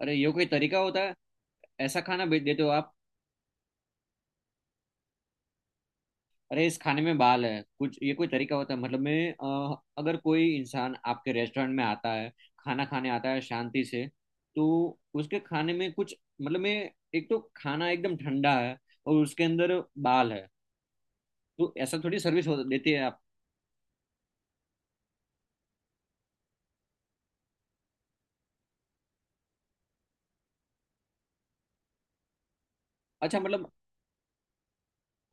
अरे ये कोई तरीका होता है! ऐसा खाना भेज देते हो आप। अरे इस खाने में बाल है कुछ, ये कोई तरीका होता है? अगर कोई इंसान आपके रेस्टोरेंट में आता है, खाना खाने आता है शांति से, तो उसके खाने में कुछ। मतलब मैं, एक तो खाना एकदम ठंडा है, और उसके अंदर बाल है। तो ऐसा थोड़ी सर्विस हो देती है आप। अच्छा मतलब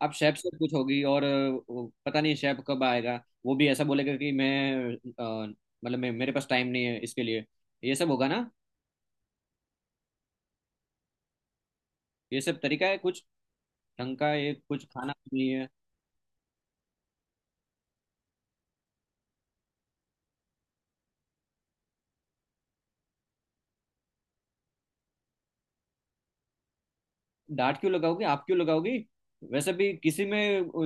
आप शेफ से पूछोगी, और वो पता नहीं शेफ कब आएगा। वो भी ऐसा बोलेगा कि मैं अ, मतलब मैं मेरे पास टाइम नहीं है इसके लिए। ये सब होगा ना। ये सब तरीका है कुछ? ढंग का एक कुछ खाना भी नहीं है। डांट क्यों लगाओगी आप, क्यों लगाओगी? वैसे भी किसी में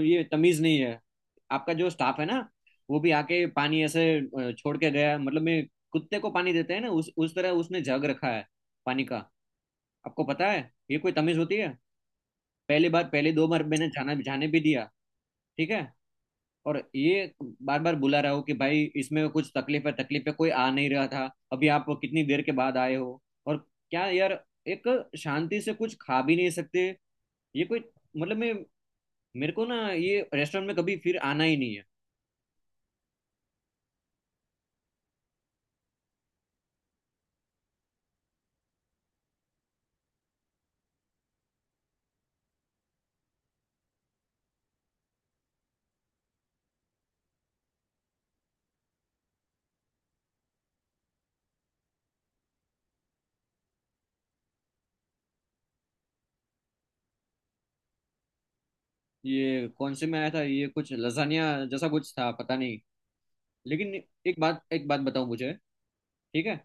ये तमीज नहीं है। आपका जो स्टाफ है ना, वो भी आके पानी ऐसे छोड़ के गया। मतलब मैं, कुत्ते को पानी देते हैं ना, उस तरह उसने जग रखा है पानी का। आपको पता है, ये कोई तमीज होती है? पहली बार, पहले दो बार मैंने जाना जाने भी दिया, ठीक है। और ये बार बार बुला रहा हूँ कि भाई इसमें कुछ तकलीफ है, तकलीफ है, कोई आ नहीं रहा था। अभी आप कितनी देर के बाद आए हो! और क्या यार, एक शांति से कुछ खा भी नहीं सकते। ये कोई! मतलब मैं मेरे को ना ये रेस्टोरेंट में कभी फिर आना ही नहीं है। ये कौन से में आया था, ये कुछ लजानिया जैसा कुछ था पता नहीं। लेकिन एक बात बताओ मुझे, ठीक है?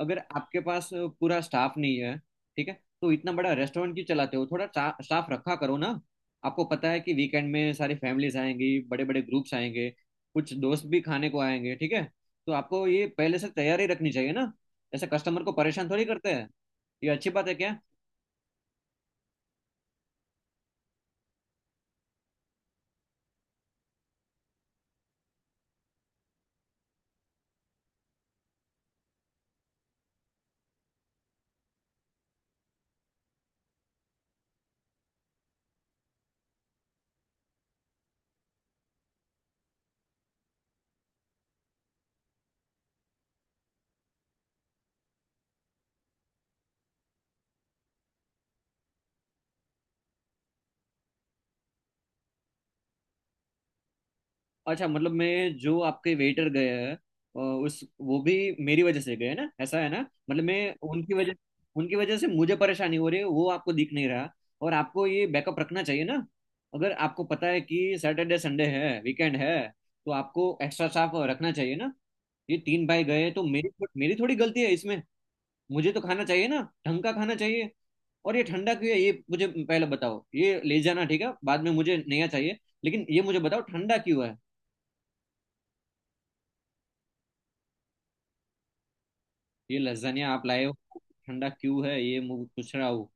अगर आपके पास पूरा स्टाफ नहीं है, ठीक है, तो इतना बड़ा रेस्टोरेंट क्यों चलाते हो? थोड़ा स्टाफ रखा करो ना। आपको पता है कि वीकेंड में सारी फैमिलीज आएंगी, बड़े बड़े ग्रुप्स आएंगे, कुछ दोस्त भी खाने को आएंगे, ठीक है? तो आपको ये पहले से तैयारी रखनी चाहिए ना। ऐसे कस्टमर को परेशान थोड़ी करते हैं। ये अच्छी बात है क्या? अच्छा मतलब मैं, जो आपके वेटर गए हैं अ, उस वो भी मेरी वजह से गए ना, ऐसा है ना? मतलब मैं उनकी वजह से मुझे परेशानी हो रही है, वो आपको दिख नहीं रहा? और आपको ये बैकअप रखना चाहिए ना। अगर आपको पता है कि सैटरडे संडे है, वीकेंड है, तो आपको एक्स्ट्रा स्टाफ रखना चाहिए ना। ये तीन भाई गए तो मेरी मेरी थोड़ी गलती है इसमें? मुझे तो खाना चाहिए ना, ढंग का खाना चाहिए। और ये ठंडा क्यों है, ये मुझे पहले बताओ। ये ले जाना, ठीक है, बाद में मुझे नया चाहिए। लेकिन ये मुझे बताओ, ठंडा क्यों है? ये लज्जानिया आप लाए हो, ठंडा क्यों है ये पूछ रहा हूँ।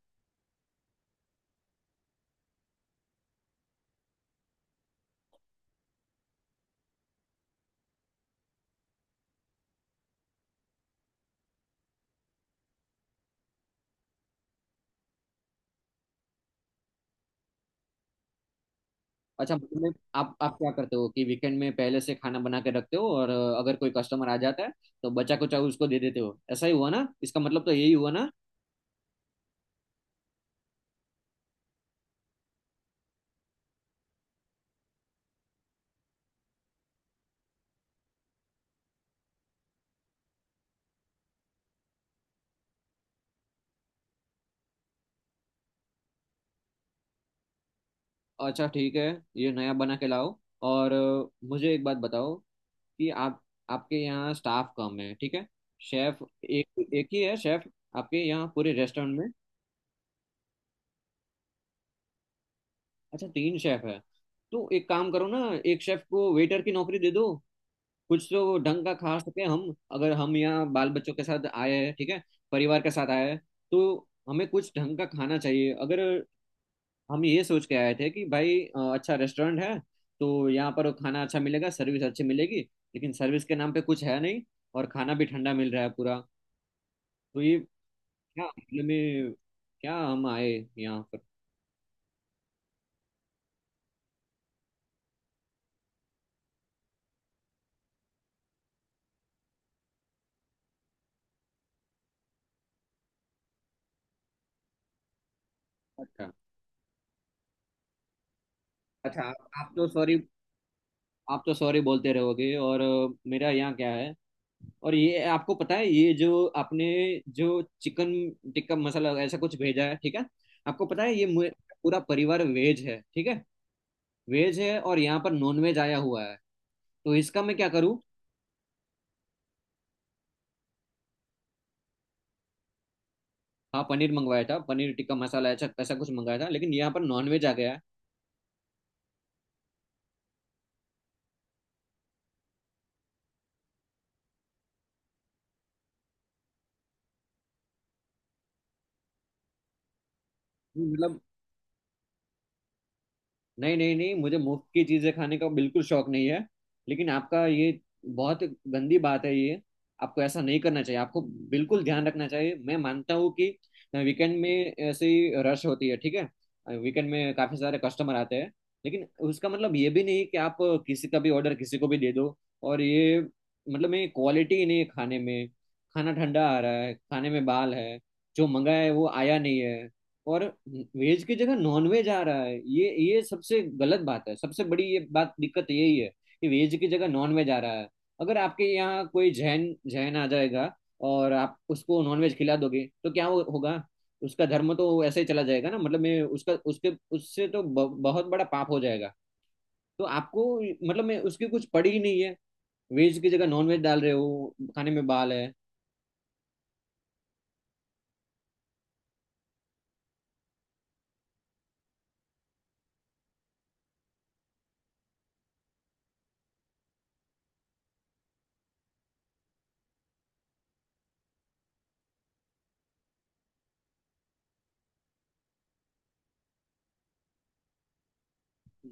अच्छा मतलब आप क्या करते हो कि वीकेंड में पहले से खाना बना के रखते हो, और अगर कोई कस्टमर आ जाता है तो बचा कुचा उसको दे देते हो, ऐसा ही हुआ ना? इसका मतलब तो यही हुआ ना। अच्छा ठीक है, ये नया बना के लाओ। और मुझे एक बात बताओ कि आप, आपके यहाँ स्टाफ कम है, ठीक है, शेफ एक एक ही है शेफ आपके यहाँ पूरे रेस्टोरेंट में? अच्छा तीन शेफ है। तो एक काम करो ना, एक शेफ को वेटर की नौकरी दे दो। कुछ तो ढंग का खा सके हम। अगर हम यहाँ बाल बच्चों के साथ आए हैं, ठीक है, परिवार के साथ आए हैं, तो हमें कुछ ढंग का खाना चाहिए। अगर हम ये सोच के आए थे कि भाई, अच्छा रेस्टोरेंट है, तो यहाँ पर खाना अच्छा मिलेगा, सर्विस अच्छी मिलेगी। लेकिन सर्विस के नाम पे कुछ है नहीं, और खाना भी ठंडा मिल रहा है पूरा। तो ये क्या मतलब में क्या हम आए यहाँ पर? अच्छा। अच्छा आप तो सॉरी, आप तो सॉरी बोलते रहोगे, और मेरा यहाँ क्या है? और ये आपको पता है, ये जो आपने जो चिकन टिक्का मसाला ऐसा कुछ भेजा है, ठीक है, आपको पता है ये पूरा परिवार वेज है, ठीक है? वेज है, और यहाँ पर नॉन वेज आया हुआ है, तो इसका मैं क्या करूँ? हाँ, पनीर मंगवाया था, पनीर टिक्का मसाला ऐसा ऐसा कुछ मंगाया था, लेकिन यहाँ पर नॉन वेज आ गया है। मतलब, नहीं नहीं नहीं मुझे मुफ्त की चीजें खाने का बिल्कुल शौक नहीं है। लेकिन आपका ये बहुत गंदी बात है ये। आपको ऐसा नहीं करना चाहिए, आपको बिल्कुल ध्यान रखना चाहिए। मैं मानता हूँ कि वीकेंड में ऐसे ही रश होती है, ठीक है, वीकेंड में काफी सारे कस्टमर आते हैं। लेकिन उसका मतलब ये भी नहीं कि आप किसी का भी ऑर्डर किसी को भी दे दो। और ये मतलब में क्वालिटी ही नहीं है खाने में। खाना ठंडा आ रहा है, खाने में बाल है, जो मंगाया है वो आया नहीं है, और वेज की जगह नॉन वेज आ रहा है। ये सबसे गलत बात है, सबसे बड़ी ये बात, दिक्कत यही है कि वेज की जगह नॉन वेज आ रहा है। अगर आपके यहाँ कोई जैन जैन आ जाएगा और आप उसको नॉन वेज खिला दोगे, तो होगा? उसका धर्म तो ऐसे ही चला जाएगा ना। मतलब मैं उसका उसके उससे तो बहुत बड़ा पाप हो जाएगा। तो आपको मतलब मैं उसकी कुछ पड़ी ही नहीं है। वेज की जगह नॉन वेज डाल रहे हो, खाने में बाल है।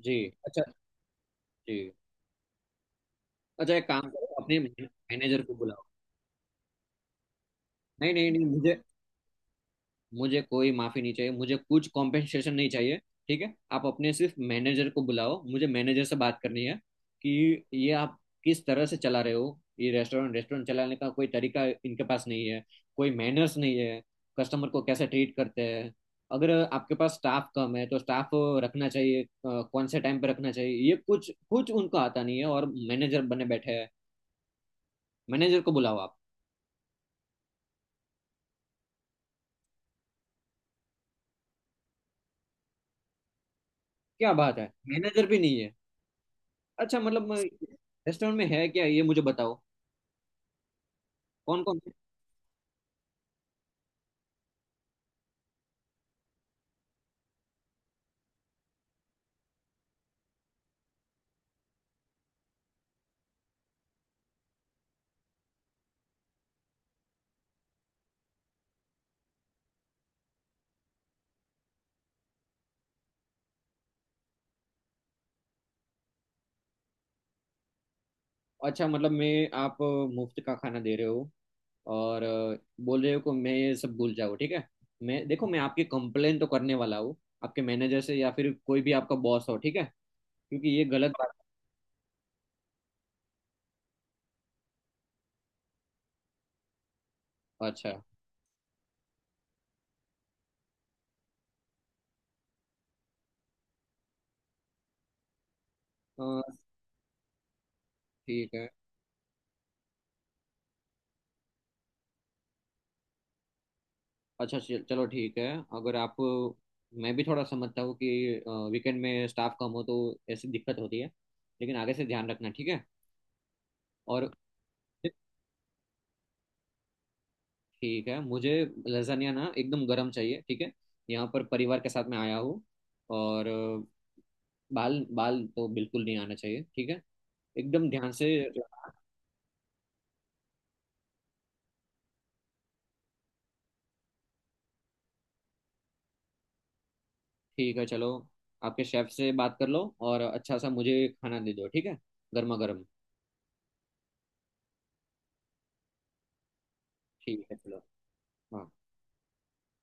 जी। अच्छा। जी। अच्छा एक काम करो, अपने मैनेजर को बुलाओ। नहीं नहीं नहीं मुझे मुझे कोई माफी नहीं चाहिए, मुझे कुछ कॉम्पेंसेशन नहीं चाहिए। ठीक है, आप अपने सिर्फ मैनेजर को बुलाओ, मुझे मैनेजर से बात करनी है कि ये आप किस तरह से चला रहे हो। ये रेस्टोरेंट रेस्टोरेंट चलाने का कोई तरीका इनके पास नहीं है, कोई मैनर्स नहीं है। कस्टमर को कैसे ट्रीट करते हैं? अगर आपके पास स्टाफ कम है, तो स्टाफ रखना चाहिए, कौन से टाइम पे रखना चाहिए, ये कुछ कुछ उनको आता नहीं है, और मैनेजर बने बैठे हैं। मैनेजर को बुलाओ आप। क्या बात है, मैनेजर भी नहीं है! अच्छा मतलब रेस्टोरेंट में है क्या, ये मुझे बताओ। कौन कौन है? अच्छा मतलब मैं, आप मुफ्त का खाना दे रहे हो, और बोल रहे हो कि मैं ये सब भूल जाऊँ, ठीक है? मैं देखो, मैं आपकी कंप्लेन तो करने वाला हूँ आपके मैनेजर से, या फिर कोई भी आपका बॉस हो, ठीक है, क्योंकि ये गलत बात है। अच्छा। अ, ठीक है। अच्छा चलो ठीक है, अगर आप, मैं भी थोड़ा समझता हूँ कि वीकेंड में स्टाफ कम हो तो ऐसी दिक्कत होती है। लेकिन आगे से ध्यान रखना, ठीक है? और ठीक है, मुझे लजानिया ना एकदम गरम चाहिए, ठीक है। यहाँ पर परिवार के साथ में आया हूँ, और बाल बाल तो बिल्कुल नहीं आना चाहिए, ठीक है, एकदम ध्यान से। ठीक है चलो, आपके शेफ से बात कर लो, और अच्छा सा मुझे खाना दे दो, ठीक है, गर्मा गर्म। ठीक है चलो। हाँ।